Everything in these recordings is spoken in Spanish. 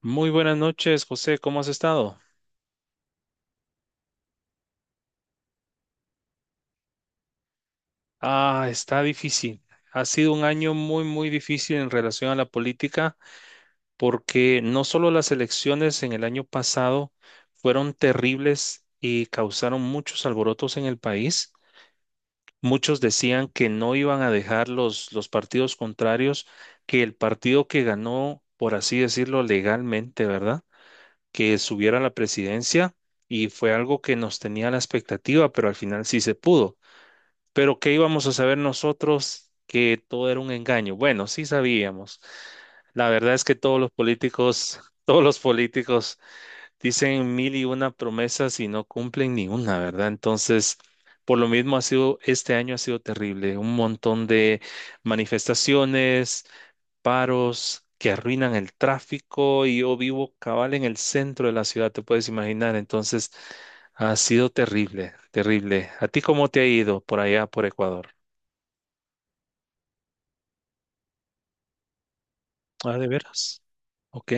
Muy buenas noches, José. ¿Cómo has estado? Ah, está difícil. Ha sido un año muy, muy difícil en relación a la política porque no solo las elecciones en el año pasado fueron terribles y causaron muchos alborotos en el país. Muchos decían que no iban a dejar los partidos contrarios, que el partido que ganó, por así decirlo, legalmente, ¿verdad? Que subiera a la presidencia y fue algo que nos tenía la expectativa, pero al final sí se pudo. Pero ¿qué íbamos a saber nosotros que todo era un engaño? Bueno, sí sabíamos. La verdad es que todos los políticos, todos los políticos dicen mil y una promesas y no cumplen ni una, ¿verdad? Entonces, por lo mismo ha sido, este año ha sido terrible. Un montón de manifestaciones, paros que arruinan el tráfico y yo vivo cabal en el centro de la ciudad, te puedes imaginar. Entonces, ha sido terrible, terrible. ¿A ti cómo te ha ido por allá, por Ecuador? Ah, de veras. Ok.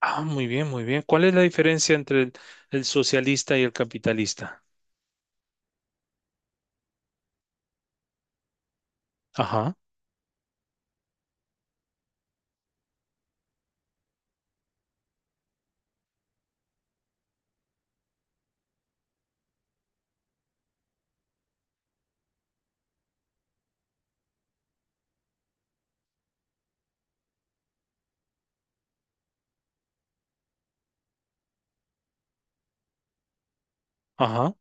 Ah, muy bien, muy bien. ¿Cuál es la diferencia entre el socialista y el capitalista? Ajá, ajá,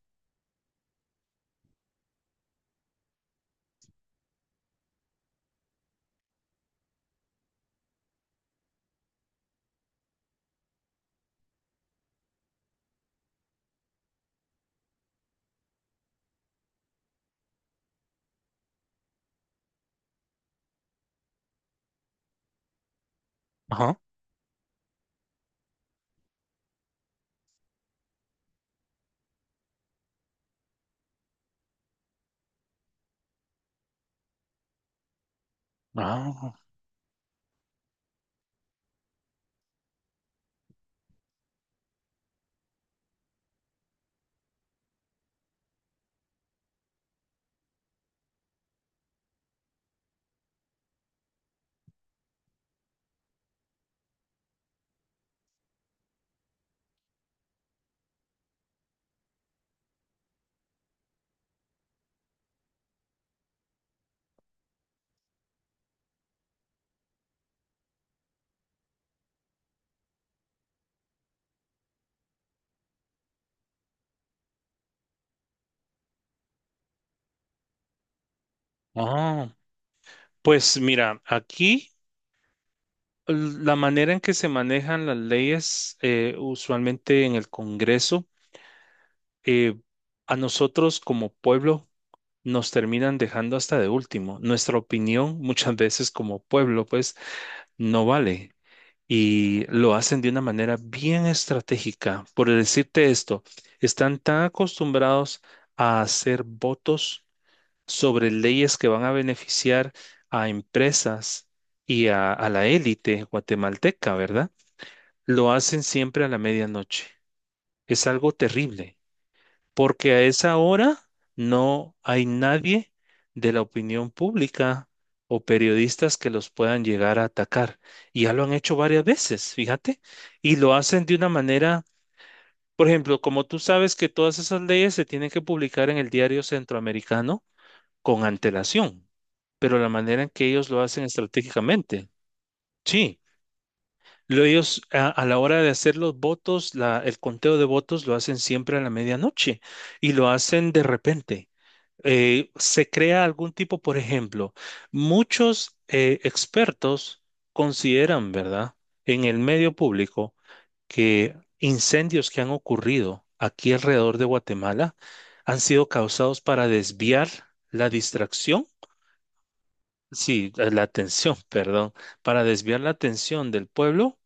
ajá. Ah, ah. Pues mira, aquí la manera en que se manejan las leyes, usualmente en el Congreso, eh, a nosotros como pueblo nos terminan dejando hasta de último. Nuestra opinión muchas veces como pueblo pues no vale y lo hacen de una manera bien estratégica. Por decirte esto, están tan acostumbrados a hacer votos sobre leyes que van a beneficiar a empresas y a la élite guatemalteca, ¿verdad? Lo hacen siempre a la medianoche. Es algo terrible porque a esa hora no hay nadie de la opinión pública o periodistas que los puedan llegar a atacar. Y ya lo han hecho varias veces, fíjate, y lo hacen de una manera, por ejemplo, como tú sabes que todas esas leyes se tienen que publicar en el diario centroamericano con antelación, pero la manera en que ellos lo hacen estratégicamente, sí. Lo ellos a la hora de hacer los votos, la- el conteo de votos lo hacen siempre a la medianoche y lo hacen de repente se crea algún tipo, por ejemplo, muchos expertos consideran, ¿verdad?, en el medio público que incendios que han ocurrido aquí alrededor de Guatemala han sido causados para desviar la distracción, sí, la atención, perdón, para desviar la atención del pueblo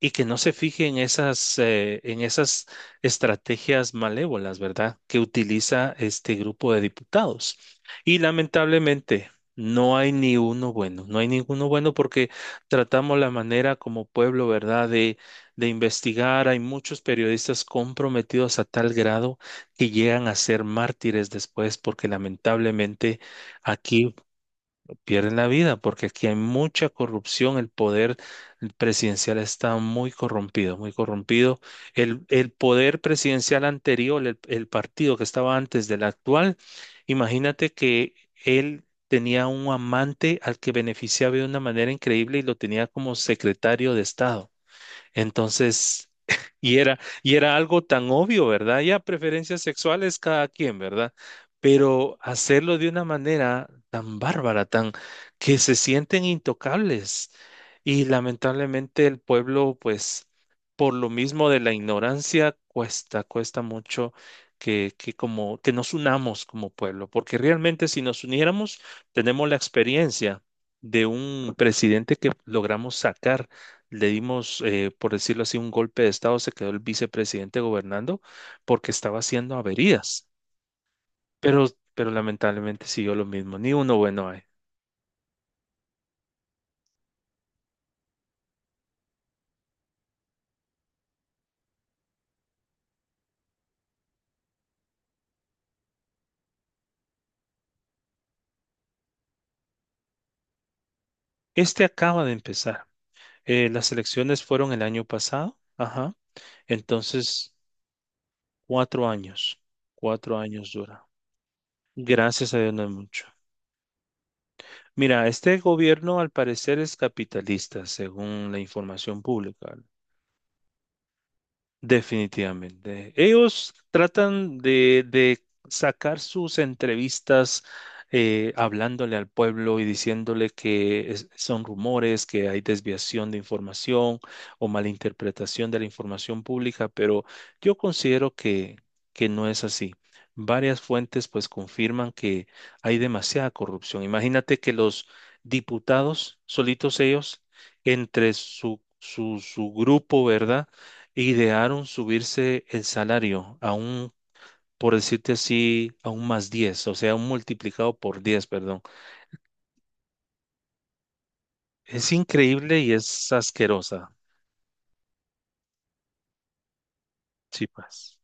y que no se fije en esas estrategias malévolas, ¿verdad?, que utiliza este grupo de diputados. Y lamentablemente no hay ni uno bueno, no hay ninguno bueno porque tratamos la manera como pueblo, ¿verdad?, de investigar. Hay muchos periodistas comprometidos a tal grado que llegan a ser mártires después porque lamentablemente aquí pierden la vida, porque aquí hay mucha corrupción, el poder presidencial está muy corrompido, muy corrompido. El poder presidencial anterior, el partido que estaba antes del actual, imagínate que él tenía un amante al que beneficiaba de una manera increíble y lo tenía como secretario de Estado. Entonces, y era algo tan obvio, ¿verdad? Ya preferencias sexuales cada quien, ¿verdad? Pero hacerlo de una manera tan bárbara, tan que se sienten intocables. Y lamentablemente el pueblo, pues, por lo mismo de la ignorancia, cuesta, cuesta mucho que como que nos unamos como pueblo, porque realmente si nos uniéramos, tenemos la experiencia de un presidente que logramos sacar le dimos, por decirlo así, un golpe de estado, se quedó el vicepresidente gobernando porque estaba haciendo averías. Pero, pero lamentablemente siguió lo mismo, ni uno bueno hay. Este acaba de empezar. Las elecciones fueron el año pasado, ajá. Entonces, 4 años, 4 años dura. Gracias a Dios no es mucho. Mira, este gobierno al parecer es capitalista, según la información pública. Definitivamente. Ellos tratan de sacar sus entrevistas hablándole al pueblo y diciéndole que es- son rumores, que hay desviación de información o malinterpretación de la información pública, pero yo considero que no es así. Varias fuentes pues confirman que hay demasiada corrupción. Imagínate que los diputados, solitos ellos, entre su grupo, ¿verdad? Idearon subirse el salario a un, por decirte así, a un más 10, o sea, un multiplicado por 10, perdón. Es increíble y es asquerosa. Sí, pues.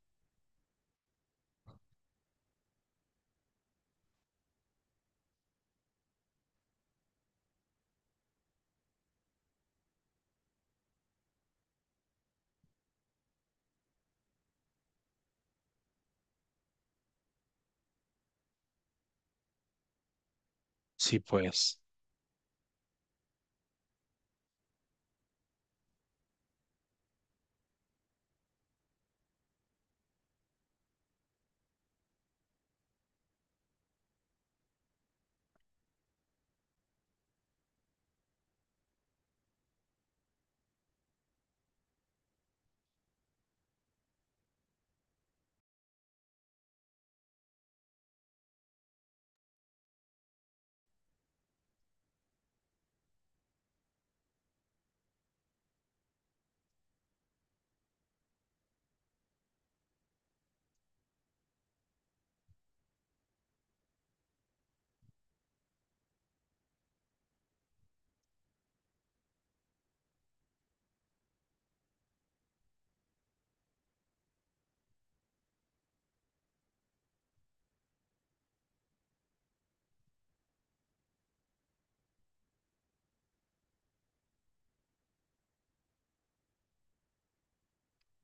Sí, pues.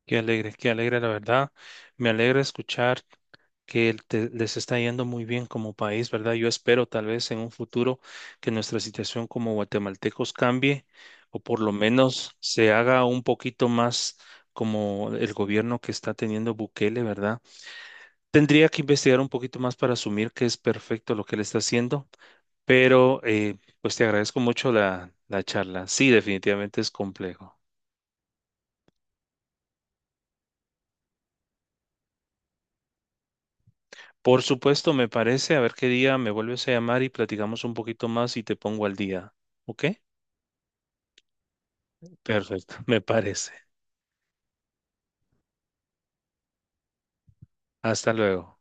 Qué alegre, la verdad. Me alegra escuchar que el te- les está yendo muy bien como país, ¿verdad? Yo espero tal vez en un futuro que nuestra situación como guatemaltecos cambie o por lo menos se haga un poquito más como el gobierno que está teniendo Bukele, ¿verdad? Tendría que investigar un poquito más para asumir que es perfecto lo que él está haciendo, pero pues te agradezco mucho la charla. Sí, definitivamente es complejo. Por supuesto, me parece, a ver qué día me vuelves a llamar y platicamos un poquito más y te pongo al día. ¿Ok? Perfecto, me parece. Hasta luego.